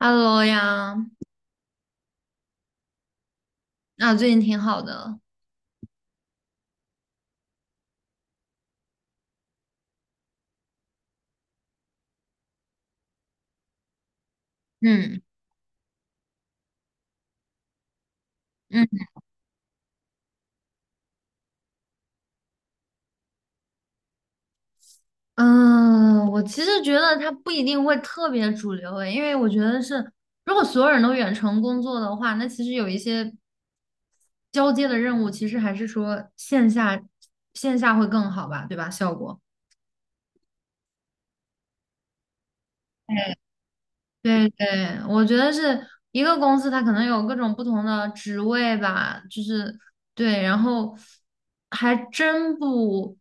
Hello 呀，啊，最近挺好的。嗯嗯嗯，我其实觉得它不一定会特别主流诶，因为我觉得是，如果所有人都远程工作的话，那其实有一些交接的任务，其实还是说线下会更好吧，对吧？效果。对对，我觉得是一个公司，它可能有各种不同的职位吧，就是对，然后还真不，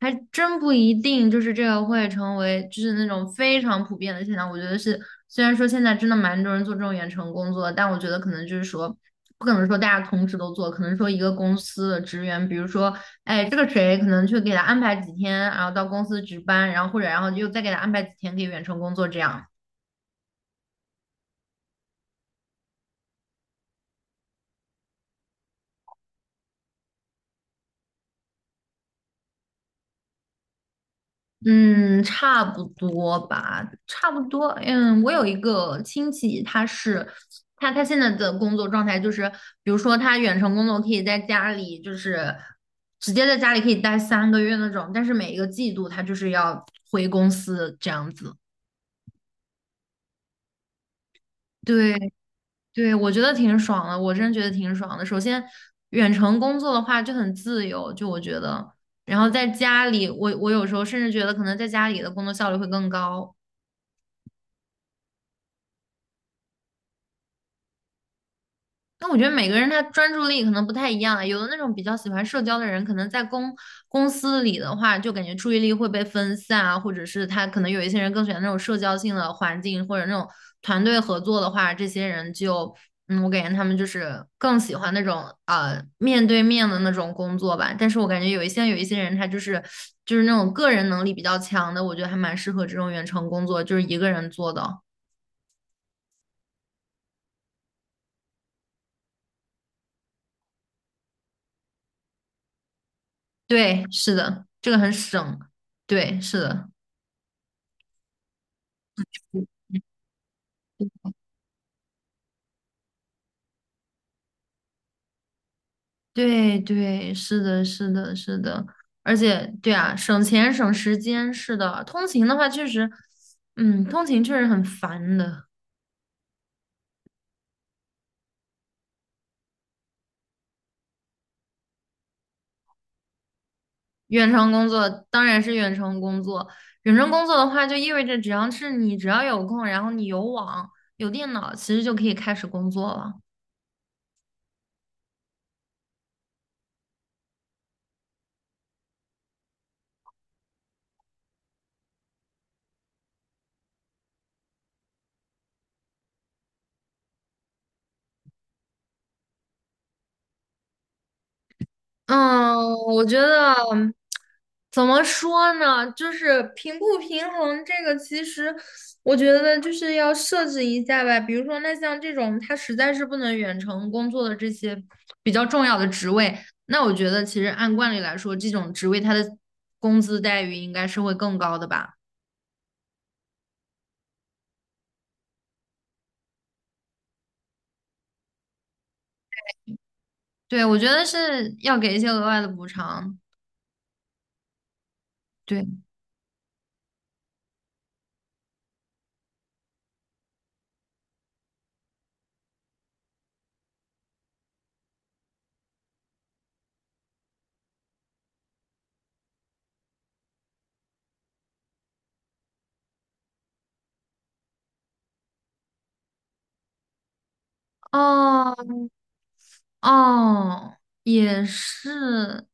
还真不一定，就是这个会成为就是那种非常普遍的现象。我觉得是，虽然说现在真的蛮多人做这种远程工作，但我觉得可能就是说，不可能说大家同时都做，可能说一个公司的职员，比如说，哎，这个谁可能去给他安排几天，然后到公司值班，然后或者然后又再给他安排几天可以远程工作这样。嗯，差不多吧，差不多。嗯，我有一个亲戚，他是他他现在的工作状态就是，比如说他远程工作可以在家里，就是直接在家里可以待3个月那种，但是每一个季度他就是要回公司这样子。对对，我觉得挺爽的，我真觉得挺爽的。首先，远程工作的话就很自由，就我觉得，然后在家里，我有时候甚至觉得可能在家里的工作效率会更高。那我觉得每个人他专注力可能不太一样啊，有的那种比较喜欢社交的人，可能在公司里的话，就感觉注意力会被分散啊，或者是他可能有一些人更喜欢那种社交性的环境，或者那种团队合作的话，这些人就，嗯，我感觉他们就是更喜欢那种面对面的那种工作吧。但是我感觉有一些人他就是那种个人能力比较强的，我觉得还蛮适合这种远程工作，就是一个人做的。对，是的，这个很省。对，是的。对对，是的，是的，是的，而且对啊，省钱省时间，是的。通勤的话，确实，嗯，通勤确实很烦的。远程工作当然是远程工作，远程工作的话，就意味着只要有空，然后你有网有电脑，其实就可以开始工作了。嗯，我觉得怎么说呢，就是平不平衡这个，其实我觉得就是要设置一下吧。比如说，那像这种他实在是不能远程工作的这些比较重要的职位，那我觉得其实按惯例来说，这种职位他的工资待遇应该是会更高的吧？对，我觉得是要给一些额外的补偿。对。哦，哦，也是，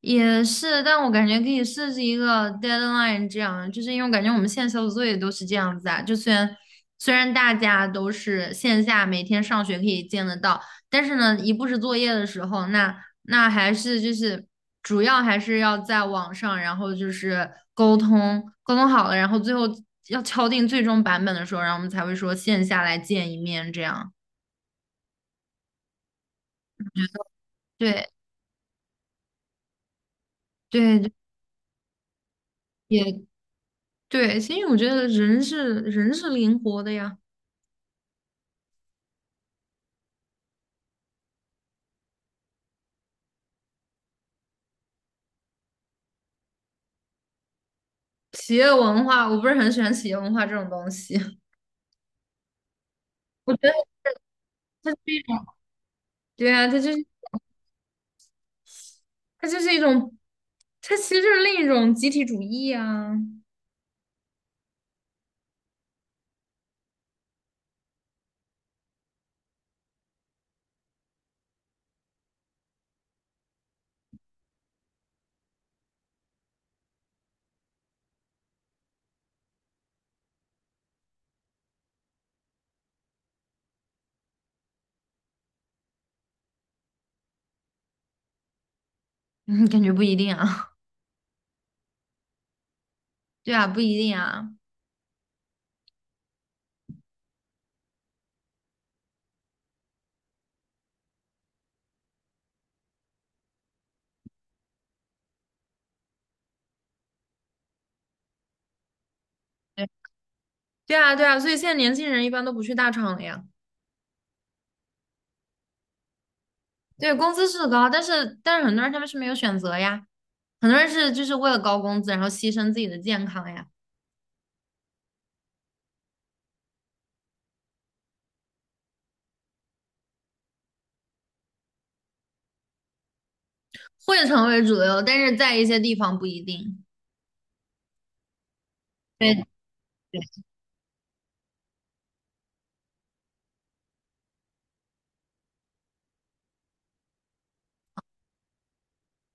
也是，但我感觉可以设置一个 deadline，这样，就是因为我感觉我们现在小组作业都是这样子啊，就虽然大家都是线下每天上学可以见得到，但是呢，一布置作业的时候，那还是就是主要还是要在网上，然后就是沟通沟通好了，然后最后要敲定最终版本的时候，然后我们才会说线下来见一面，这样，对对对。也对，其实我觉得人是灵活的呀。企业文化，我不是很喜欢企业文化这种东西。我觉得它是一种，对啊，它就是一种，它其实就是另一种集体主义啊。嗯，感觉不一定啊。对啊，不一定啊。对对啊，对啊。所以现在年轻人一般都不去大厂了呀。对，工资是高，但是很多人他们是没有选择呀。很多人是就是为了高工资，然后牺牲自己的健康呀，会成为主流，但是在一些地方不一定。对对，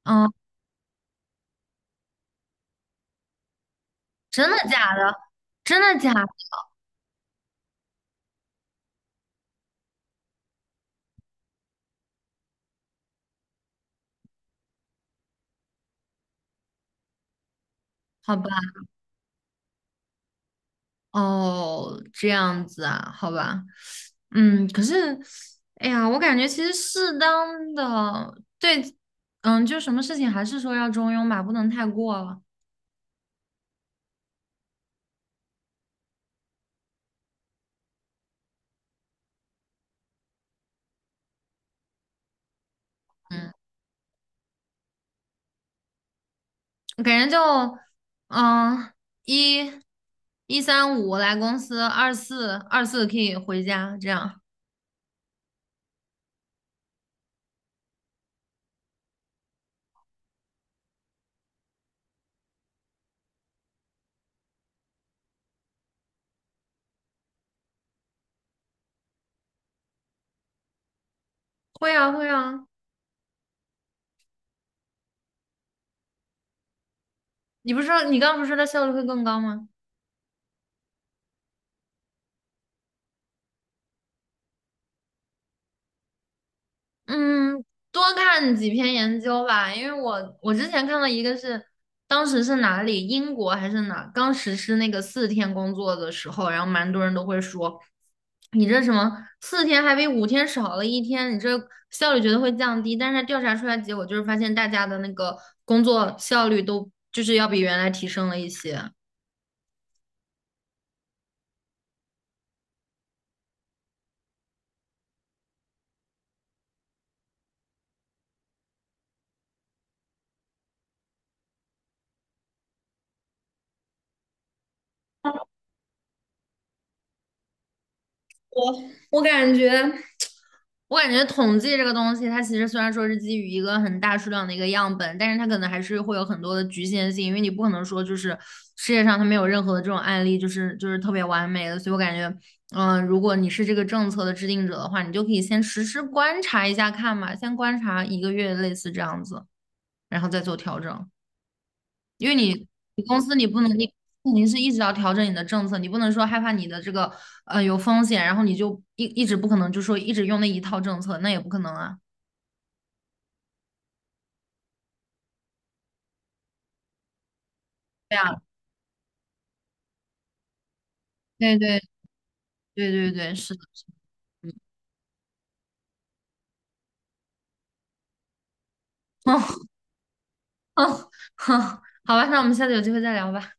嗯。真的假的？真的假的？好吧，哦，这样子啊，好吧，嗯，可是，哎呀，我感觉其实适当的，对，嗯，就什么事情还是说要中庸吧，不能太过了，嗯，我感觉就，嗯，一，一三五来公司，二四可以回家，这样，会啊会啊，你刚刚不是说它效率会更高吗？嗯，多看几篇研究吧，因为我之前看到一个是，当时是哪里，英国还是哪，刚实施那个四天工作的时候，然后蛮多人都会说，你这什么四天还比5天少了一天，你这效率绝对会降低。但是调查出来结果就是发现大家的那个工作效率都就是要比原来提升了一些。我我感觉，我感觉统计这个东西，它其实虽然说是基于一个很大数量的一个样本，但是它可能还是会有很多的局限性，因为你不可能说就是世界上它没有任何的这种案例，就是特别完美的。所以我感觉，嗯、如果你是这个政策的制定者的话，你就可以先实时观察一下看嘛，先观察一个月类似这样子，然后再做调整。因为你你公司你不能你肯定是一直要调整你的政策，你不能说害怕你的这个有风险，然后你就一直不可能就说一直用那一套政策，那也不可能啊。对啊，对对对对对，是的，是的嗯，好吧，那我们下次有机会再聊吧。